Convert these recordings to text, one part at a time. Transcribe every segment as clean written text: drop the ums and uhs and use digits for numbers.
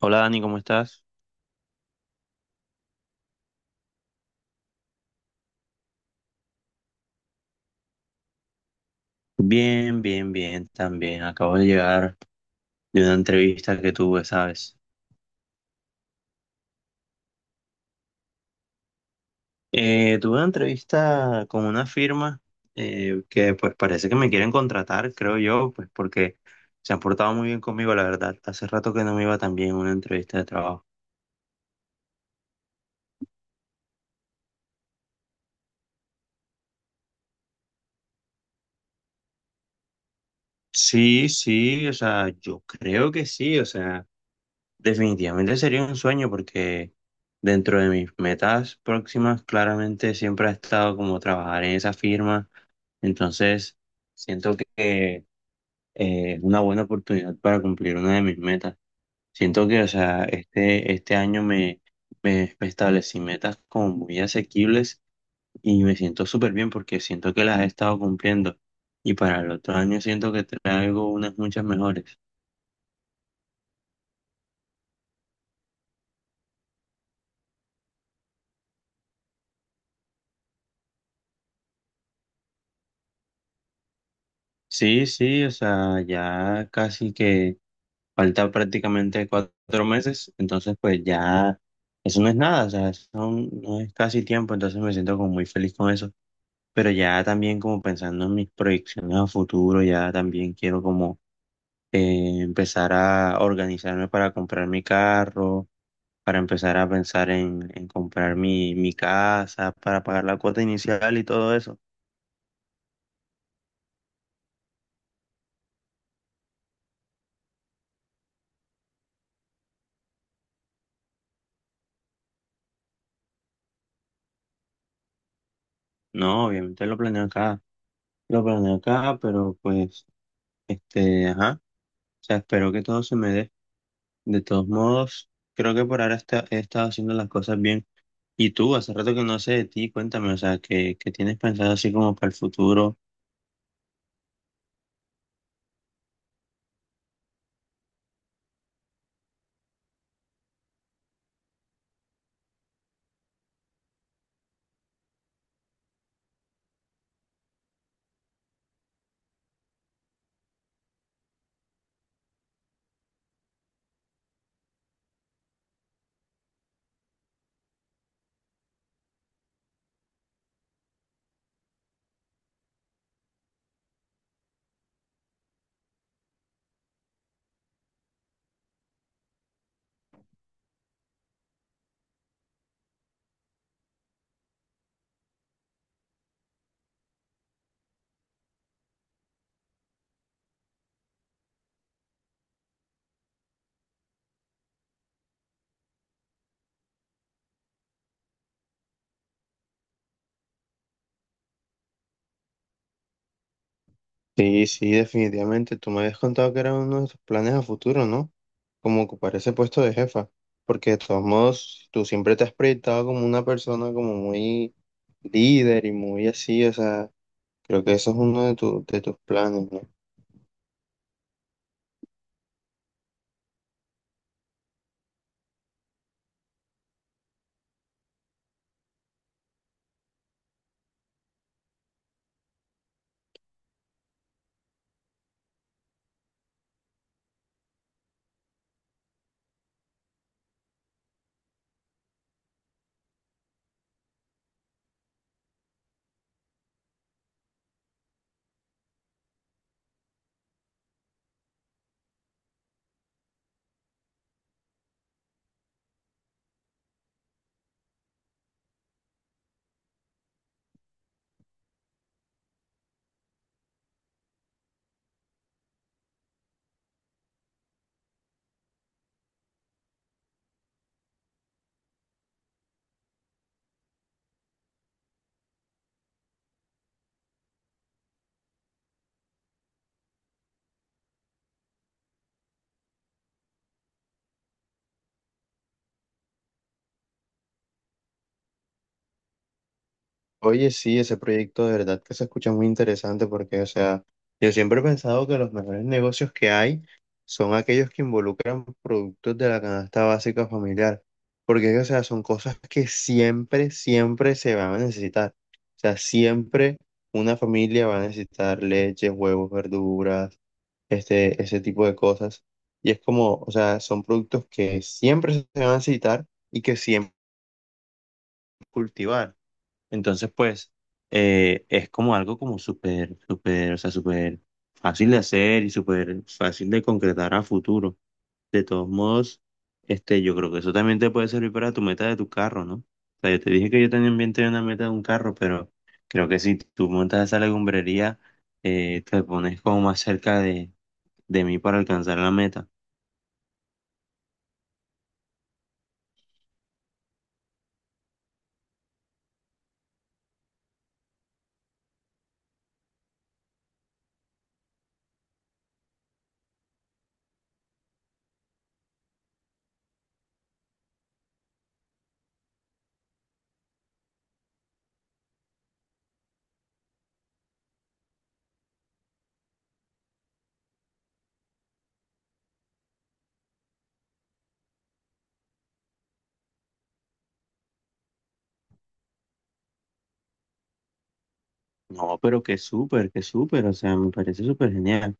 Hola Dani, ¿cómo estás? Bien, bien, bien, también. Acabo de llegar de una entrevista que tuve, ¿sabes? Tuve una entrevista con una firma que pues parece que me quieren contratar, creo yo, pues porque se han portado muy bien conmigo, la verdad. Hace rato que no me iba tan bien en una entrevista de trabajo. Sí, sí, o sea, yo creo que sí, o sea, definitivamente sería un sueño porque dentro de mis metas próximas claramente siempre ha estado como trabajar en esa firma. Entonces, siento que es una buena oportunidad para cumplir una de mis metas. Siento que, o sea, este año me establecí metas como muy asequibles y me siento súper bien porque siento que las he estado cumpliendo. Y para el otro año siento que traigo unas muchas mejores. Sí, sí, o sea, ya casi que falta prácticamente 4 meses, entonces pues ya eso no es nada, o sea, eso no es casi tiempo, entonces me siento como muy feliz con eso. Pero ya también como pensando en mis proyecciones a futuro, ya también quiero como empezar a organizarme para comprar mi carro, para empezar a pensar en comprar mi casa, para pagar la cuota inicial y todo eso. No, obviamente lo planeo acá, pero pues, este, ajá, o sea, espero que todo se me dé. De todos modos, creo que por ahora he estado haciendo las cosas bien. Y tú, hace rato que no sé de ti, cuéntame, o sea, ¿qué tienes pensado así como para el futuro? Sí, sí, definitivamente. Tú me habías contado que era uno de tus planes a futuro, ¿no? Como ocupar ese puesto de jefa. Porque de todos modos, tú siempre te has proyectado como una persona como muy líder y muy así. O sea, creo que eso es uno de, de tus planes, ¿no? Oye, sí, ese proyecto de verdad que se escucha muy interesante porque, o sea, yo siempre he pensado que los mejores negocios que hay son aquellos que involucran productos de la canasta básica familiar, porque, o sea, son cosas que siempre, siempre se van a necesitar. O sea, siempre una familia va a necesitar leche, huevos, verduras, este, ese tipo de cosas. Y es como, o sea, son productos que siempre se van a necesitar y que siempre cultivar. Entonces, pues, es como algo como súper, súper, o sea, súper fácil de hacer y súper fácil de concretar a futuro. De todos modos, este, yo creo que eso también te puede servir para tu meta de tu carro, ¿no? O sea, yo te dije que yo también tenía una meta de un carro, pero creo que si tú montas esa legumbrería, te pones como más cerca de mí para alcanzar la meta. No, pero que súper, o sea, me parece súper genial.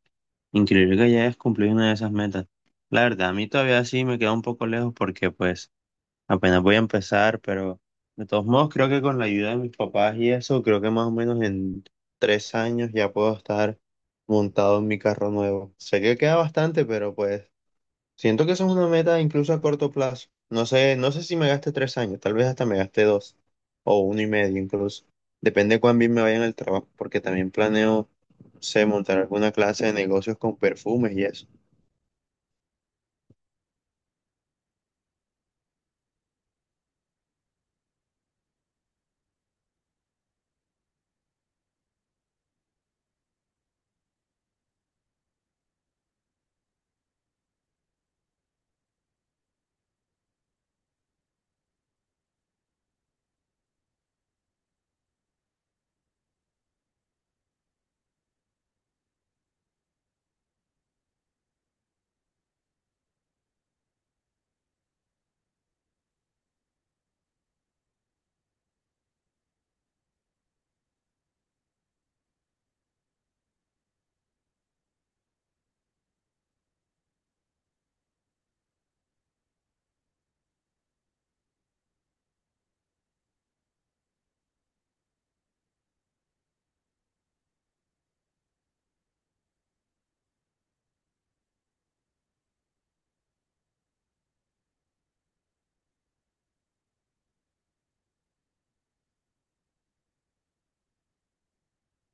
Increíble que ya hayas cumplido una de esas metas. La verdad, a mí todavía sí me queda un poco lejos porque pues apenas voy a empezar, pero de todos modos creo que con la ayuda de mis papás y eso, creo que más o menos en 3 años ya puedo estar montado en mi carro nuevo. Sé que queda bastante, pero pues siento que eso es una meta incluso a corto plazo. No sé, no sé si me gaste 3 años, tal vez hasta me gaste dos o uno y medio incluso. Depende de cuán bien me vaya en el trabajo, porque también planeo, no sé, montar alguna clase de negocios con perfumes y eso.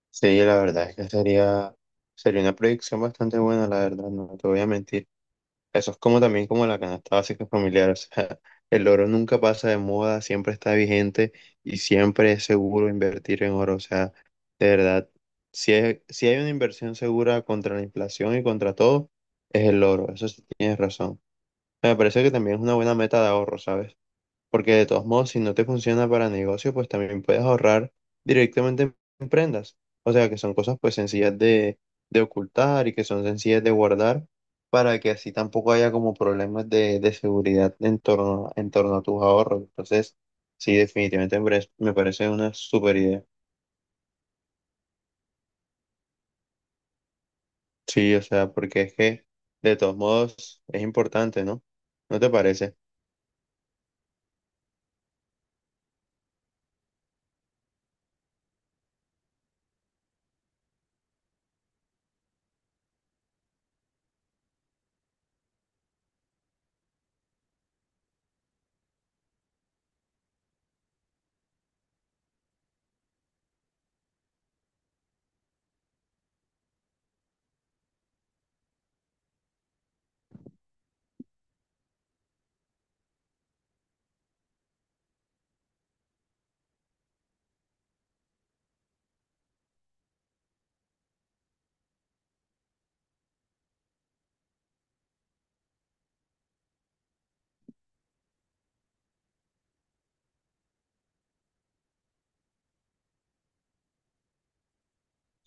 Sí, la verdad es que sería una proyección bastante buena, la verdad, no te voy a mentir. Eso es como también como la canasta básica familiar. O sea, el oro nunca pasa de moda, siempre está vigente y siempre es seguro invertir en oro. O sea, de verdad, si hay una inversión segura contra la inflación y contra todo, es el oro. Eso sí tienes razón. Me parece que también es una buena meta de ahorro, ¿sabes? Porque de todos modos, si no te funciona para negocio, pues también puedes ahorrar directamente en prendas. O sea, que son cosas pues sencillas de ocultar y que son sencillas de guardar para que así tampoco haya como problemas de seguridad en torno a tus ahorros. Entonces, sí, definitivamente me parece una super idea. Sí, o sea, porque es que de todos modos es importante, ¿no? ¿No te parece?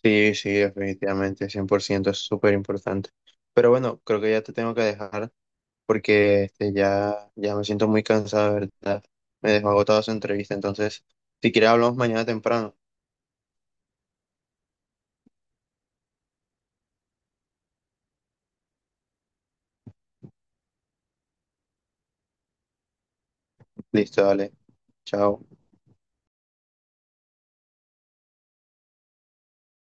Sí, sí, definitivamente, 100% es súper importante. Pero bueno, creo que ya te tengo que dejar. Porque este, ya me siento muy cansado, de ¿verdad? Me dejó agotada su entrevista, entonces, si quieres hablamos mañana temprano. Listo, dale. Chao.